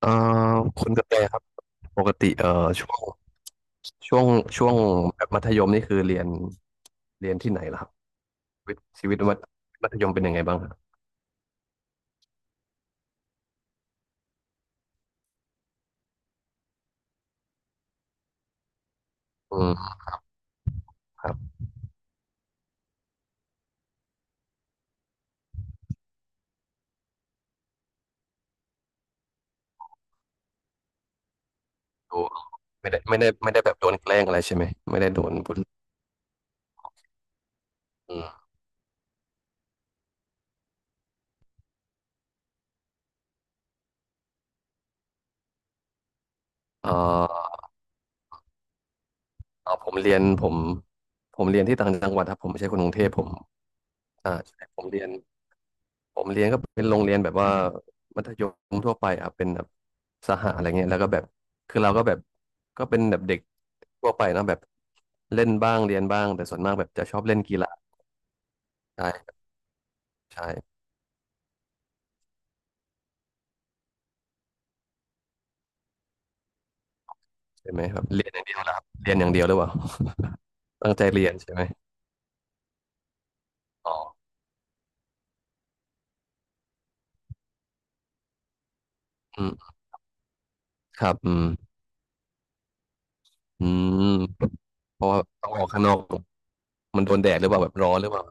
เอ่อคุณกระแตครับปกติช่วงช่วงช่วงแบบมัธยมนี่คือเรียนที่ไหนล่ะครับชีวิตมัธยมเป็นยังไงบ้างครับอืมครับดูไม่ได้แบบโดนแกล้งอะไรใช่ไหมไม่ได้โดนบุลอืมเอ่อผมเรียนผมเรียนที่ต่างจังหวัดครับผมไม่ใช่คนกรุงเทพผมอ่าใช่ผมเรียน ผมเรียนก็เป็นโรงเรียนแบบว่ายมทั่วไปอ่ะเป็นแบบสหอะไรเงี้ยแล้วก็แบบคือเราก็แบบก็เป็นแบบเด็กทั่วไปเนอะแบบเล่นบ้างเรียนบ้างแต่ส่วนมากแบบจะชอบเล่นกีฬาใช่ใช่ใช่ไหมครับเรียนอย่างเดียวเหรอครับเรียนอย่างเดียวหรือเปล่า ตั้งใจเรียนใช่ไหมอ๋ออืมครับอืมอืมเพราะว่าต้องออกข้างนอกมันโดนแดดหรือเปล่าแบบร้อนหรือเปล่า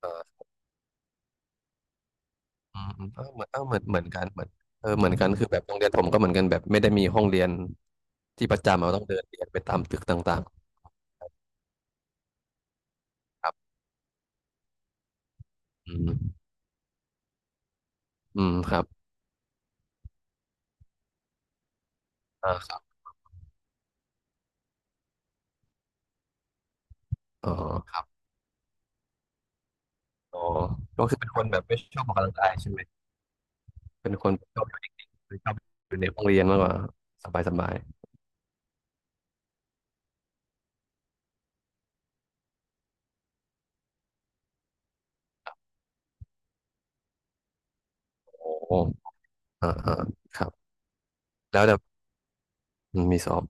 เอออืมอืมเออเหมือนเออเหมือนกันเหมือนเออเหมือนกันคือแบบโรงเรียนผมก็เหมือนกันแบบไม่ได้มีห้องเรียน ที่ประจำเราต้องเดินเรียนไปตามตึกต่างๆครับอืมอืมครับอ่าครับอ๋อครับอ๋อก็คือเป็นคนแบบไม่ชอบออกกำลังกายใช่ไหมเป็นคนชอบอยู่นิ่งๆหรือชอบอยู่ในห้องเรียนมากกว่าสบายๆโอ้โหอ่าอ่าครับแล้วแต่มีสอบ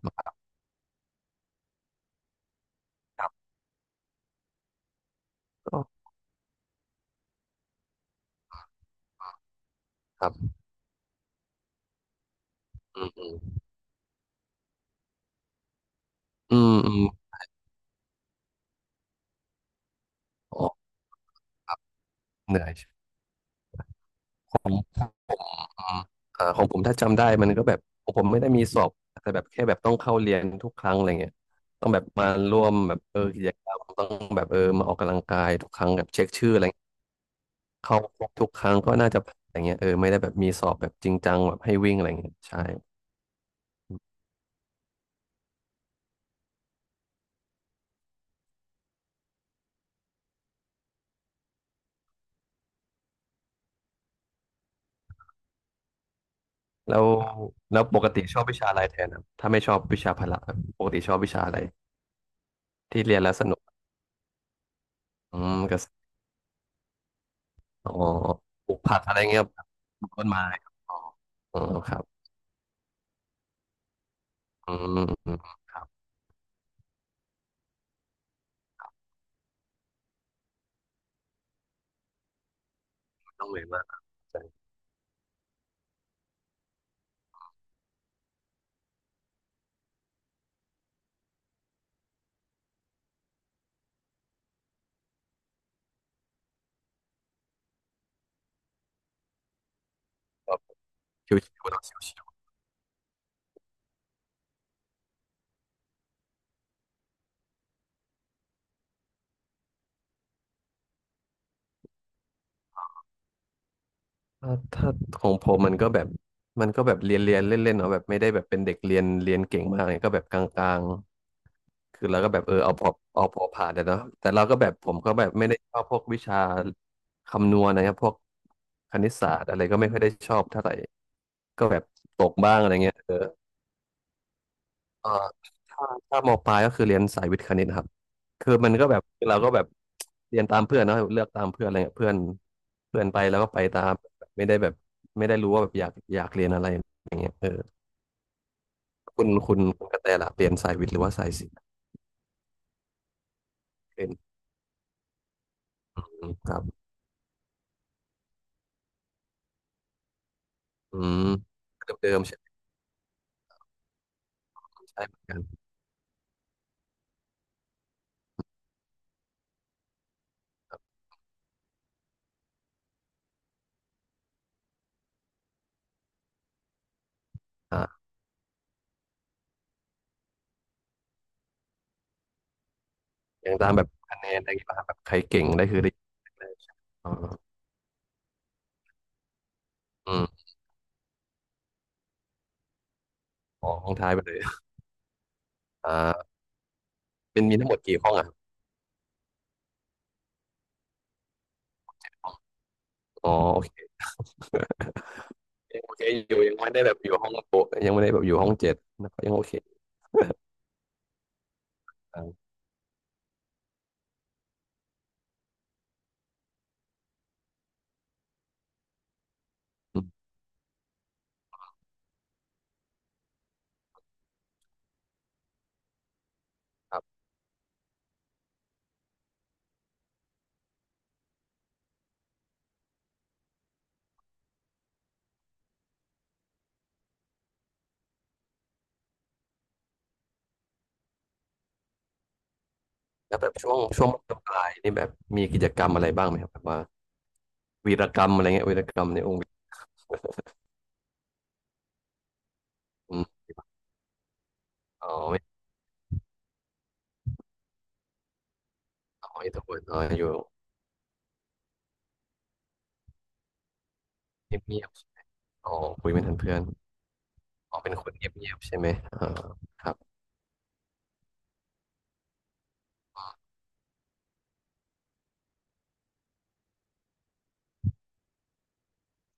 ครับครับอืมอืมอืมอืมอ๋อเหนื่อยผม ผมเอ่าของผมถ้าจำได้มันก็แบบผมไม่ได้มีสอบแต่แบบแค่แบบต้องเข้าเรียนทุกครั้งอะไรเงี้ยต้องแบบมาร่วมแบบเออกิจกรรมต้องแบบเออมาออกกำลังกายทุกครั้งแบบเช็คชื่ออะไรเงี้ยเข้าครบทุกครั้งก็น่าจะอะไรเงี้ยเออไม่ได้แบบมีสอบแบบจริงจังแบบให้วิ่งอะไรเงี้ยใช่แล้วแล้วปกติชอบวิชาอะไรแทนครับถ้าไม่ชอบวิชาพละครับปกติชอบวิชาอะไรที่เรียนแล้วสนุกอืมก็อ๋อปลูกผักอะไรเงี้ยครับปลูกต้นไม้อ๋อครับอืมอืมครับไม่ต้องเหนื่อยมากครับ ชิวๆเนาะชิวๆถ้าของผมมันก็แบบมันก็แบบเรียนเล่นเล่นเนาะแบบไม่ได้แบบเป็นเด็กเรียนเก่งมากเนี่ยก็แบบกลางๆคือเราก็แบบเออเอาพอผ่านแต่เนาะแต่เราก็แบบผมก็แบบไม่ได้ชอบพวกวิชาคำนวณนะครับพวกคณิตศาสตร์อะไรก็ไม่ค่อยได้ชอบเท่าไหร่ก็แบบตกบ้างอะไรเงี้ยเออ เอ่อถ้ามปลายก็คือเรียนสายวิทย์คณิตครับคือมันก็แบบเราก็แบบเรียนตามเพื่อนเนอะเลือกตามเพื่อนอะไรเงี้ยเพื่อนเพื่อนไปแล้วก็ไปตามไม่ได้แบบไม่ได้รู้ว่าแบบอยากเรียนอะไรอย่างเงี้ยเออคุณกระแตล่ะเรียนสายวิทย์หรือว่าสายศิลป์เป็นครับอืมเดิมๆใช่ใช่เหมือนกันอ่าอย่างตามแบบคะแนนอะไรอย่างเงี้ยป่ะครับแบบใครเก่งได้คือได้ได้ใช่ไหมอ๋ออืมอ๋อห้องท้ายไปเลยอ่าเป็นมีทั้งหมดกี่ห้องอ่ะอ๋อโอเค ยังโอเคอยู่ยังไม่ได้แบบอยู่ห้องโปะยังไม่ได้แบบอยู่ห้องเจ็ดนะครับยังโอเคอยู่อืมครับแล้วแบบช่วงมปลายนี่แบบมีกิจกรรมอะไรบ้างไหมครับแบบว่าวีรกรรมอะไรเงี้ยวีรกรรมในองค์อืมอ๋อไม่อ๋ออินโทรเวิร์ตอ๋ออยู่เงียบเงียบอ๋อคุยไม่ทันเพื่อนอ๋อเป็นคนเงียบเงียบใช่ไหมอ่าครับ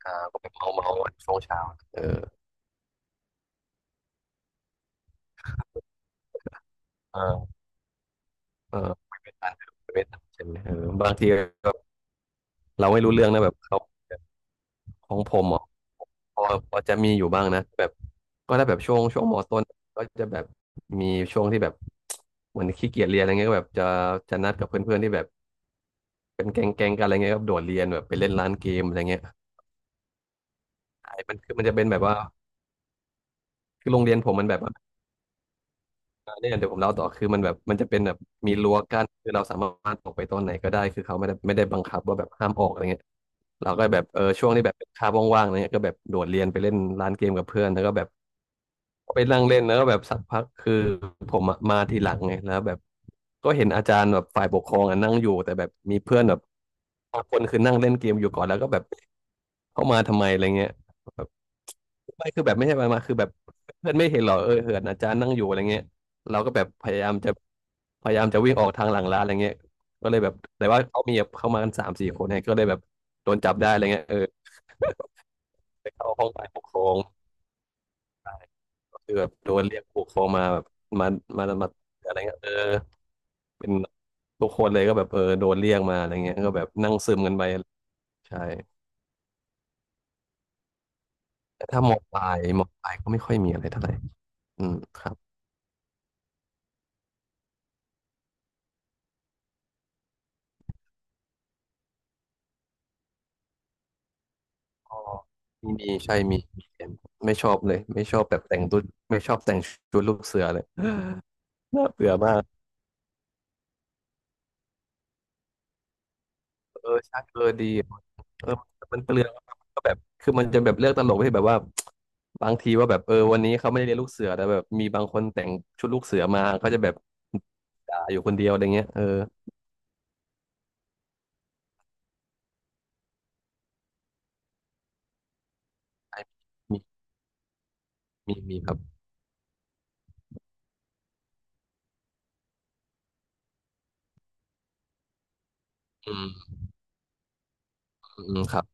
อ่าก็ไปเมาเมาวันช่วงเช้าเออเออเออคุยไม่ทันคุยไม่ทันใช่ไหมเออบางทีก็เราไม่รู้เรื่องนะแบบเขาของผมอ่ะ พอพอจะมีอยู่บ้างนะแบบก็ถ้าแบบช่วงมต้นก็จะแบบมีช่วงที่แบบ เหมือนขี้เกียจเรียนอะไรเงี้ยก็แบบจะนัดกับเพื่อนๆที่แบบเป็นแก๊งกันอะไรเงี้ยก็โดดเรียนแบบไปเล่นร้านเกมอะไรเงี้ยไอ้มันคือมันจะเป็นแบบว่าคือโรงเรียนผมมันแบบ เนี่ยเดี๋ยวผมเล่าต่อคือมันแบบมันจะเป็นแบบมีรั้วกั้นคือเราสามารถออกไปตอนไหนก็ได้คือเขาไม่ได้บังคับว่าแบบห้ามออกอะไรเงี้ยเราก็แบบเออช่วงที่แบบเป็นคาบว่างๆอะไรเงี้ยก็แบบโดดเรียนไปเล่นร้านเกมกับเพื่อนแล้วก็แบบไปนั่งเล่นแล้วก็แบบสักพักคือผมอะมาทีหลังไงแล้วแบบก็เห็นอาจารย์แบบฝ่ายปกครองอะนั่งอยู่แต่แบบมีเพื่อนแบบบางคนคือนั่งเล่นเกมอยู่ก่อนแล้วก็แบบเข้ามาทำไมอะไรเงี้ยแบบไม่คือแบบไม่ใช่มาคือแบบเพื่อนไม่เห็นหรอเออเหินอาจารย์นั่งอยู่อะไรเงี้ย เราก็แบบพยายามจะพยายามจะวิ่งออกทางหลังร้านอะไรเงี้ยก็เลยแบบแต่ว่าเขามีแบบเข้ามากันสามสี่คนเนี่ยก็เลยแบบโดนจับได้อะไรเงี้ยเออ ไปเข้าห้องฝ่ายปกครองก็คือแบบโดนเรียกผู้ปกครองมาแบบมามาอะไรเงี้ยเออเป็นทุกคนเลยก็แบบเออโดนเรียกมาอะไรเงี้ยก็แบบนั่งซึมกันไปใช่แต่ถ้ามอปลายมอปลายก็ไม่ค่อยมีอะไรเท่าไหร่อืมครับก็มีใช่มีเห็นไม่ชอบเลยไม่ชอบแบบแต่งตัวไม่ชอบแต่งชุดลูกเสือเลย น่าเบื่อมาก เออใช่เออดีเออมันเปลืองก็แบบคือมันจะแบบเลือกตลกที่แบบว่าบางทีว่าแบบเออวันนี้เขาไม่ได้เรียนลูกเสือแต่แบบมีบางคนแต่งชุดลูกเสือมาเขาจะแบบด่าอยู่คนเดียวอะไรเงี้ยเออไอ้มีมีครับอืมอืมครับ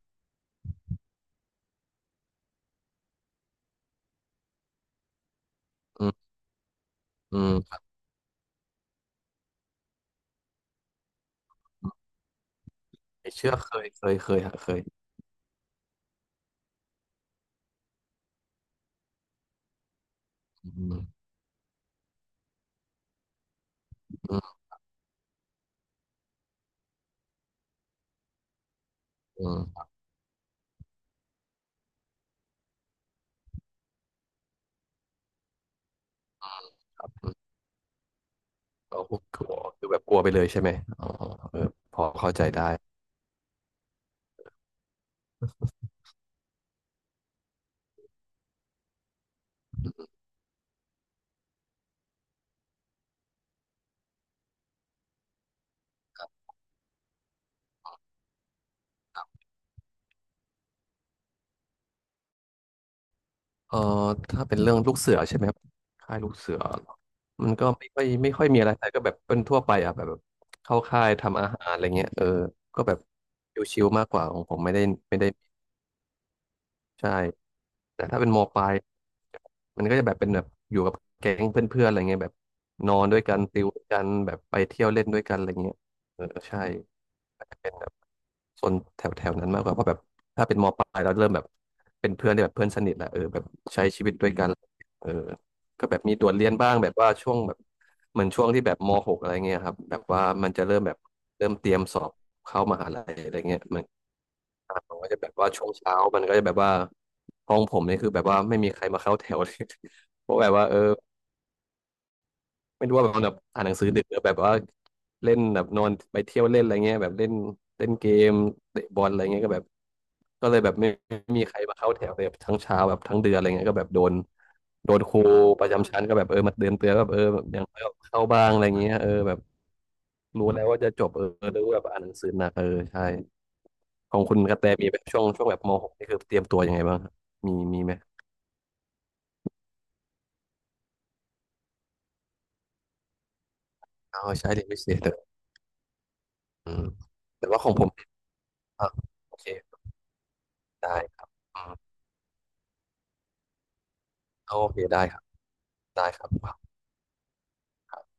อืมอืมไม่เชื่อเคยฮะเคยอืมอืมอืมอืมเรากลัวคือแบบกลัวไปเลยใช่ไหมอ๋อเออพอเข้าใจได้ เอ่อถ้าเป็นเรื่องลูกเสือใช่ไหมครับค่ายลูกเสือมันก็ไม่ค่อยมีอะไรแต่ก็แบบเป็นทั่วไปอ่ะแบบแบบเข้าค่ายทำอาหารอะไรเงี้ยเออก็แบบชิวๆมากกว่าของผมไม่ได้ ใช่แต่ถ้าเป็นมปลายมันก็จะแบบเป็นแบบอยู่กับแก๊งเพื่อนๆอะไรเงี้ยแบบนอนด้วยกันติวด้วยกันแบบไปเที่ยวเล่นด้วยกันอะไรเงี้ยเออใช่อาจจะเป็นแบบโซนแถวแถวนั้นมากกว่าเพราะแบบถ้าเป็นมปลายเราเริ่มแบบเป็นเพื่อนที่แบบเพื่อนสนิทแหละเออแบบใช้ชีวิตด้วยกันเออก็แบบมีโดดเรียนบ้างแบบว่าช่วงแบบเหมือนช่วงที่แบบมหกอะไรเงี้ยครับแบบว่ามันจะเริ่มแบบเริ่มเตรียมสอบเข้ามหาลัยอะไรเงี้ย ผมก็จะแบบว่าช่วงเช้ามันก็จะแบบว่าห้องผมเนี่ยคือแบบว่าไม่มีใครมาเข้าแถวเลย เพราะแบบว่าเออไม่รู้ว่าแบบมันแบบอ่านหนังสือดึกหรือแบบว่าเล่นแบบนอนไปเที่ยวเล่นอะไรเงี้ยแบบเล่นเล่นเกมเตะบอลอะไรเงี้ยก็แบบก็เลยแบบไม่มีใครมาเข้าแถวเลยแบบทั้งเช้าแบบทั้งเดือนอะไรเงี้ยก็แบบโดนครูประจำชั้นก็แบบเออมาเตือนแบบเออแบบอย่างน้อยก็เข้าบ้างอะไรเงี้ยเออแบบรู้แล้วว่าจะจบเออรู้แบบอ่านหนังสือหนักเออใช่ ของคุณกระแตมีแบบช่วงช่วงแบบม .6 นี่คือเตรียมตัวยังไงบ้างครับมีไหมอ๋อใช้เรียนพิเศษเถออืมแต่ว่าของผมอ่ะโอเคได้ครับอืมโอเคได้ครับได้ครับ